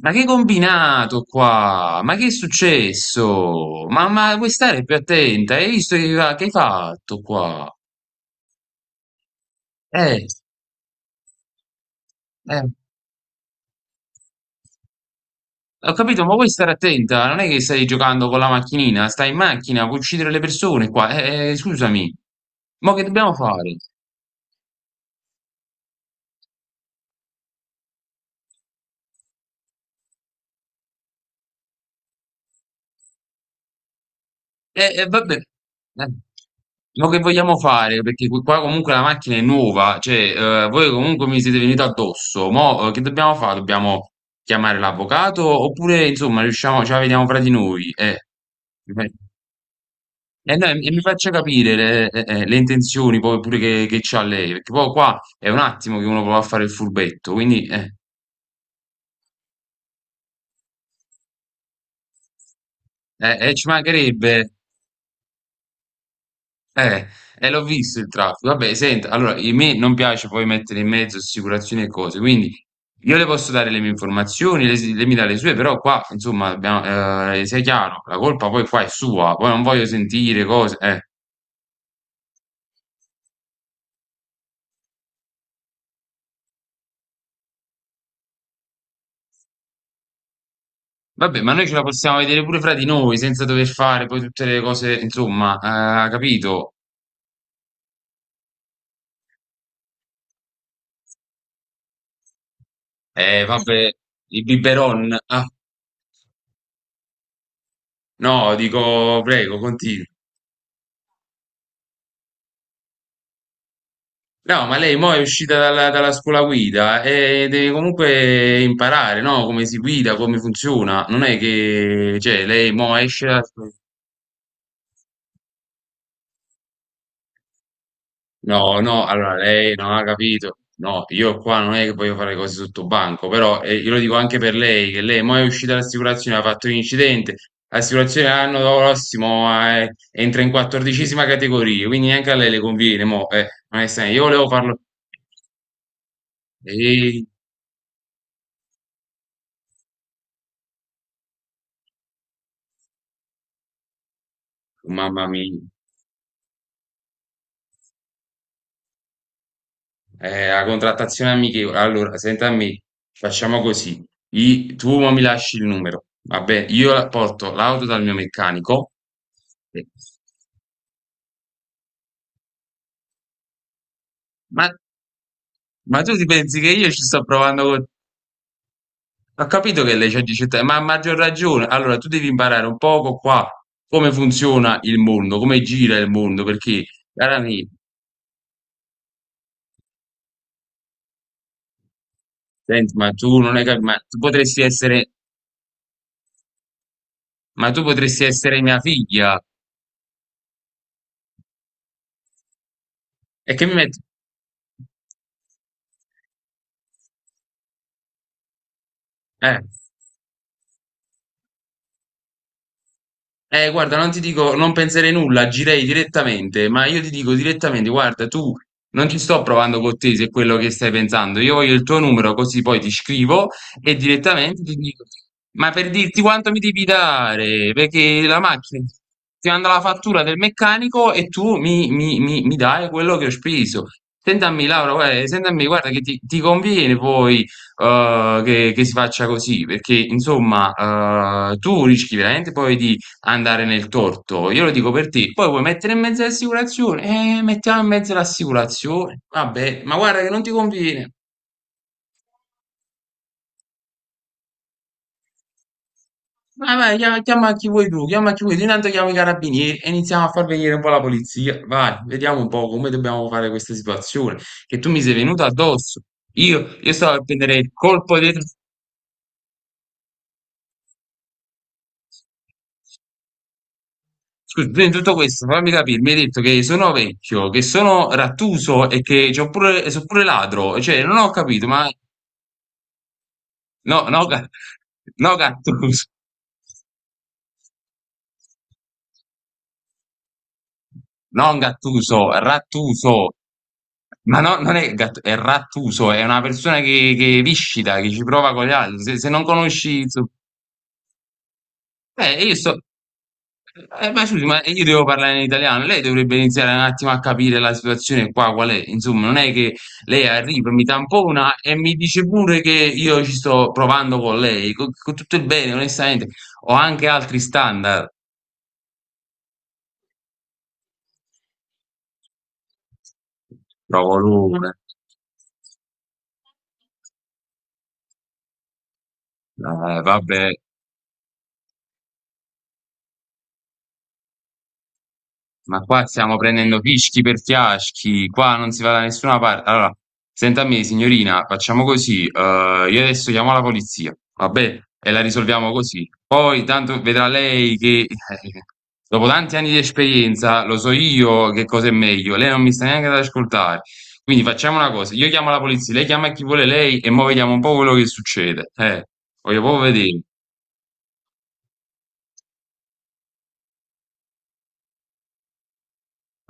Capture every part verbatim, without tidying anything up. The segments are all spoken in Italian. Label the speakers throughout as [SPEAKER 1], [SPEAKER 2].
[SPEAKER 1] Ma che combinato qua? Ma che è successo? Ma, ma vuoi stare più attenta? Hai visto che, che hai fatto qua? Eh, eh, ho capito, ma vuoi stare attenta? Non è che stai giocando con la macchinina, stai in macchina, puoi uccidere le persone qua. Eh, eh, scusami, ma che dobbiamo fare? Eh, eh, vabbè. Eh, ma che vogliamo fare? Perché qui- qua comunque la macchina è nuova, cioè eh, voi comunque mi siete venuti addosso. Mo' eh, che dobbiamo fare? Dobbiamo chiamare l'avvocato oppure insomma riusciamo, ce la vediamo fra di noi? Eh, mi fa- eh, no, e mi faccia capire le, eh, eh, le intenzioni poi pure che, che c'ha lei, perché poi qua è un attimo che uno prova a fare il furbetto, quindi eh, eh, eh, ci mancherebbe. Eh, e l'ho visto il traffico. Vabbè, senta, allora, a me non piace poi mettere in mezzo assicurazioni e cose, quindi io le posso dare le mie informazioni, le- lei mi dà le sue, però qua, insomma, abbiamo, eh, sia chiaro, la colpa poi qua è sua, poi non voglio sentire cose, eh. Vabbè, ma noi ce la possiamo vedere pure fra di noi, senza dover fare poi tutte le cose, insomma, eh, capito? Eh, vabbè, il biberon. Ah, no, dico, prego, continui. No, ma lei mo è uscita dalla, dalla scuola guida e deve comunque imparare, no? Come si guida, come funziona. Non è che, cioè, lei mo esce da... No, no, allora lei non ha capito. No, io qua non è che voglio fare cose sotto banco, però eh, io lo dico anche per lei, che lei mo è uscita dall'assicurazione, ha fatto un incidente. L'assicurazione l'anno prossimo eh, entra in quattordicesima categoria, quindi neanche a lei le conviene, mo, eh, onestamente. Io volevo farlo... Ehi, mamma mia. Eh, la contrattazione amichevole. Allora, senta a me, facciamo così. I- tu mo mi lasci il numero. Vabbè, io la- porto l'auto dal mio meccanico. Eh, Ma, ma tu ti pensi che io ci sto provando con... Ho capito che lei c'ha diciotto anni, ma ha maggior ragione. Allora, tu devi imparare un poco qua come funziona il mondo, come gira il mondo, perché, cara mia, senti, ma tu non hai capito, ma tu potresti essere, ma tu potresti essere mia figlia. E che mi metti? Eh, guarda, non ti dico, non penserei nulla, agirei direttamente, ma io ti dico direttamente, guarda, tu non ci sto provando con te se è quello che stai pensando, io voglio il tuo numero così poi ti scrivo e direttamente ti dico, ma per dirti quanto mi devi dare, perché la macchina ti manda la fattura del meccanico e tu mi, mi- mi- mi dai quello che ho speso. Sentami Laura, guarda, sentami, guarda che ti, ti conviene poi eh, che, che si faccia così, perché insomma eh, tu rischi veramente poi di andare nel torto. Io lo dico per te. Poi vuoi mettere in mezzo l'assicurazione? Eh, mettiamo in mezzo l'assicurazione. Vabbè, ma guarda che non ti conviene. Vai, vai, chiama, chiama chi vuoi tu, chiama chi vuoi tu. Intanto chiamo i carabinieri e iniziamo a far venire un po' la polizia. Vai, vediamo un po' come dobbiamo fare questa situazione. Che tu mi sei venuto addosso. Io, io stavo a prendere il colpo dietro. Scusa, prima di tutto questo, fammi capire, mi hai detto che sono vecchio, che sono rattuso e che c'ho pure, sono pure ladro, cioè non ho capito, ma no, no, Ga- no Gattuso, non Gattuso, Rattuso, ma no, non è Gattuso, è Rattuso, è una persona che, che viscida, che ci prova con gli altri, se, se non conosci... insomma... Eh, io sto... eh, ma scusi, ma io devo parlare in italiano, lei dovrebbe iniziare un attimo a capire la situazione qua, qual è, insomma, non è che lei arriva, mi tampona e mi dice pure che io ci sto provando con lei, con, con tutto il bene, onestamente, ho anche altri standard, provo l'una, eh, vabbè. Ma qua stiamo prendendo fischi per fiaschi, qua non si va da nessuna parte. Allora, senta a me, signorina, facciamo così. Eh, io adesso chiamo la polizia, va bene? E la risolviamo così. Poi tanto vedrà lei che eh, dopo tanti anni di esperienza lo so io che cosa è meglio. Lei non mi sta neanche ad ascoltare. Quindi facciamo una cosa, io chiamo la polizia, lei chiama chi vuole lei e mo vediamo un po' quello che succede. Eh, voglio proprio vedere.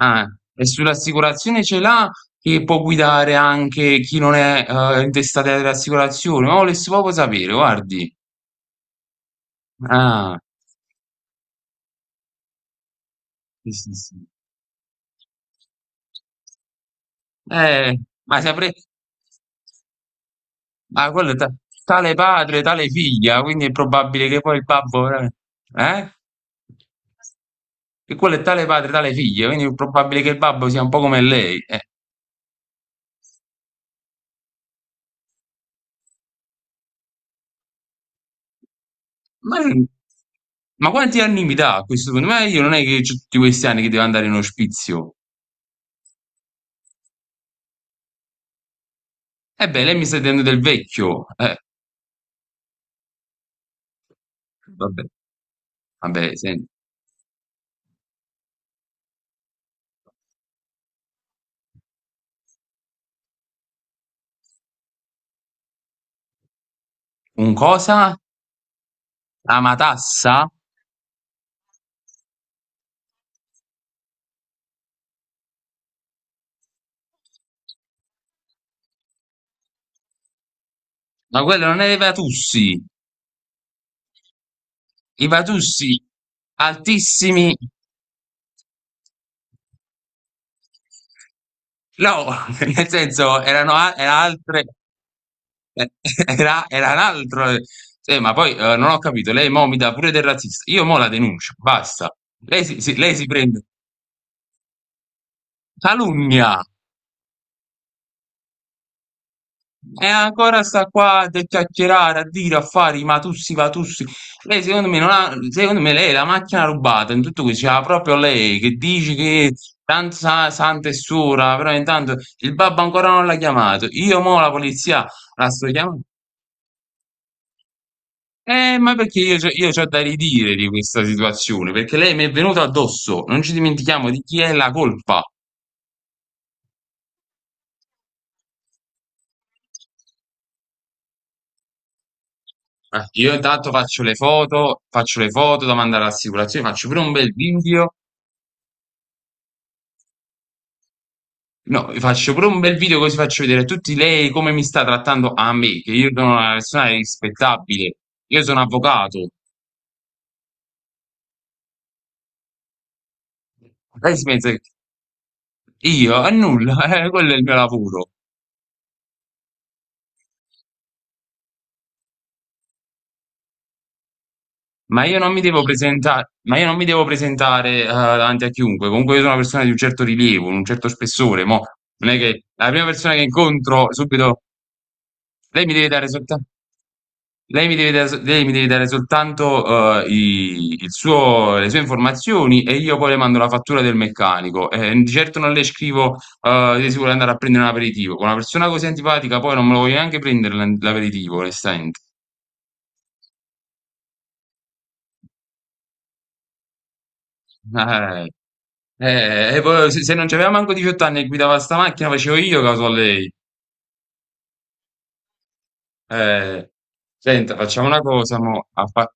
[SPEAKER 1] Ah, e sull'assicurazione ce l'ha che può guidare anche chi non è eh, intestato alle assicurazioni? Ma volessi proprio sapere, guardi. Ah, sì, sì, sì. Eh, ma saprei... Ma quello è ta- tale padre, tale figlia, quindi è probabile che poi il babbo... Eh? Eh? Che quello è tale padre, tale figlia, quindi è probabile che il babbo sia un po' come lei. Eh, ma, ma quanti anni mi dà a questo punto? Ma io non è che ho tutti questi anni che devo andare in ospizio. E beh, lei mi sta dicendo del vecchio. eh. Vabbè, vabbè, senti. Un cosa? Amatassa? Ma quello non è dei Vatussi. I Vatussi altissimi. No, nel senso erano a- era altre, eh, era, era un altro. eh. Sì, ma poi eh, non ho capito, lei mo mi dà pure del razzista. Io mo la denuncio, basta. Lei si, si- lei si prende calunnia. E ancora sta qua a chiacchierare, a dire, a fare i matussi, vatussi. Lei secondo me, non ha, secondo me lei è la macchina rubata in tutto questo, c'era proprio lei che dice che tanto sa- santa e suora, però intanto il babbo ancora non l'ha chiamato. Io mo la polizia la sto chiamando. Eh, ma perché io, c'ho- io ho da ridire di questa situazione, perché lei mi è venuta addosso, non ci dimentichiamo di chi è la colpa. Eh, Io intanto faccio le foto, faccio le foto da mandare all'assicurazione, faccio pure un bel video. No, faccio pure un bel video così faccio vedere a tutti lei come mi sta trattando a me, che io sono una persona rispettabile, io sono avvocato. Lei si pensa che io, è nulla. eh, quello è il mio lavoro. Ma io non mi devo presentare, ma io non mi devo presentare, eh, davanti a chiunque. Comunque io sono una persona di un certo rilievo, un certo spessore. Mo, non è che la prima persona che incontro subito, lei mi deve dare soltanto. Lei mi deve dare, so, lei mi deve dare soltanto eh, i- il suo- le sue informazioni e io poi le mando la fattura del meccanico. Eh, di certo non le scrivo eh, che si vuole andare a prendere un aperitivo. Con una persona così antipatica poi non me lo voglio neanche prendere l'an- l'aperitivo, onestamente. Eh, eh, e poi se, se non c'aveva manco diciotto anni e guidava sta macchina facevo io caso a lei. Eh, Senta, facciamo una cosa, mo, a fa-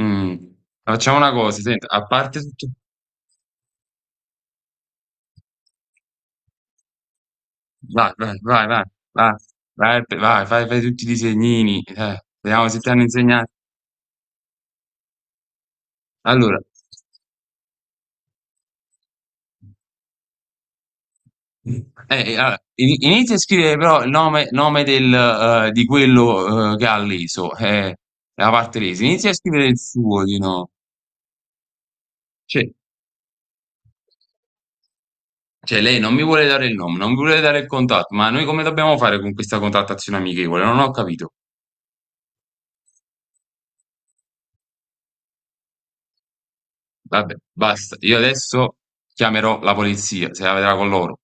[SPEAKER 1] mm, facciamo una cosa, senta, a parte tutto... Vai, vai, vai, vai, vai, vai, pe- vai, fai, fai tutti i disegnini, eh, vediamo se ti hanno insegnato. Allora, eh, eh, allora, in- inizia a scrivere però il nome, nome del, eh, di quello, eh, che ha leso, eh, la parte lesa. Inizia a scrivere il suo, di no. Cioè, cioè, lei non mi vuole dare il nome, non mi vuole dare il contatto, ma noi come dobbiamo fare con questa contattazione amichevole? Non ho capito. Vabbè, basta, io adesso chiamerò la polizia, se la vedrà con loro.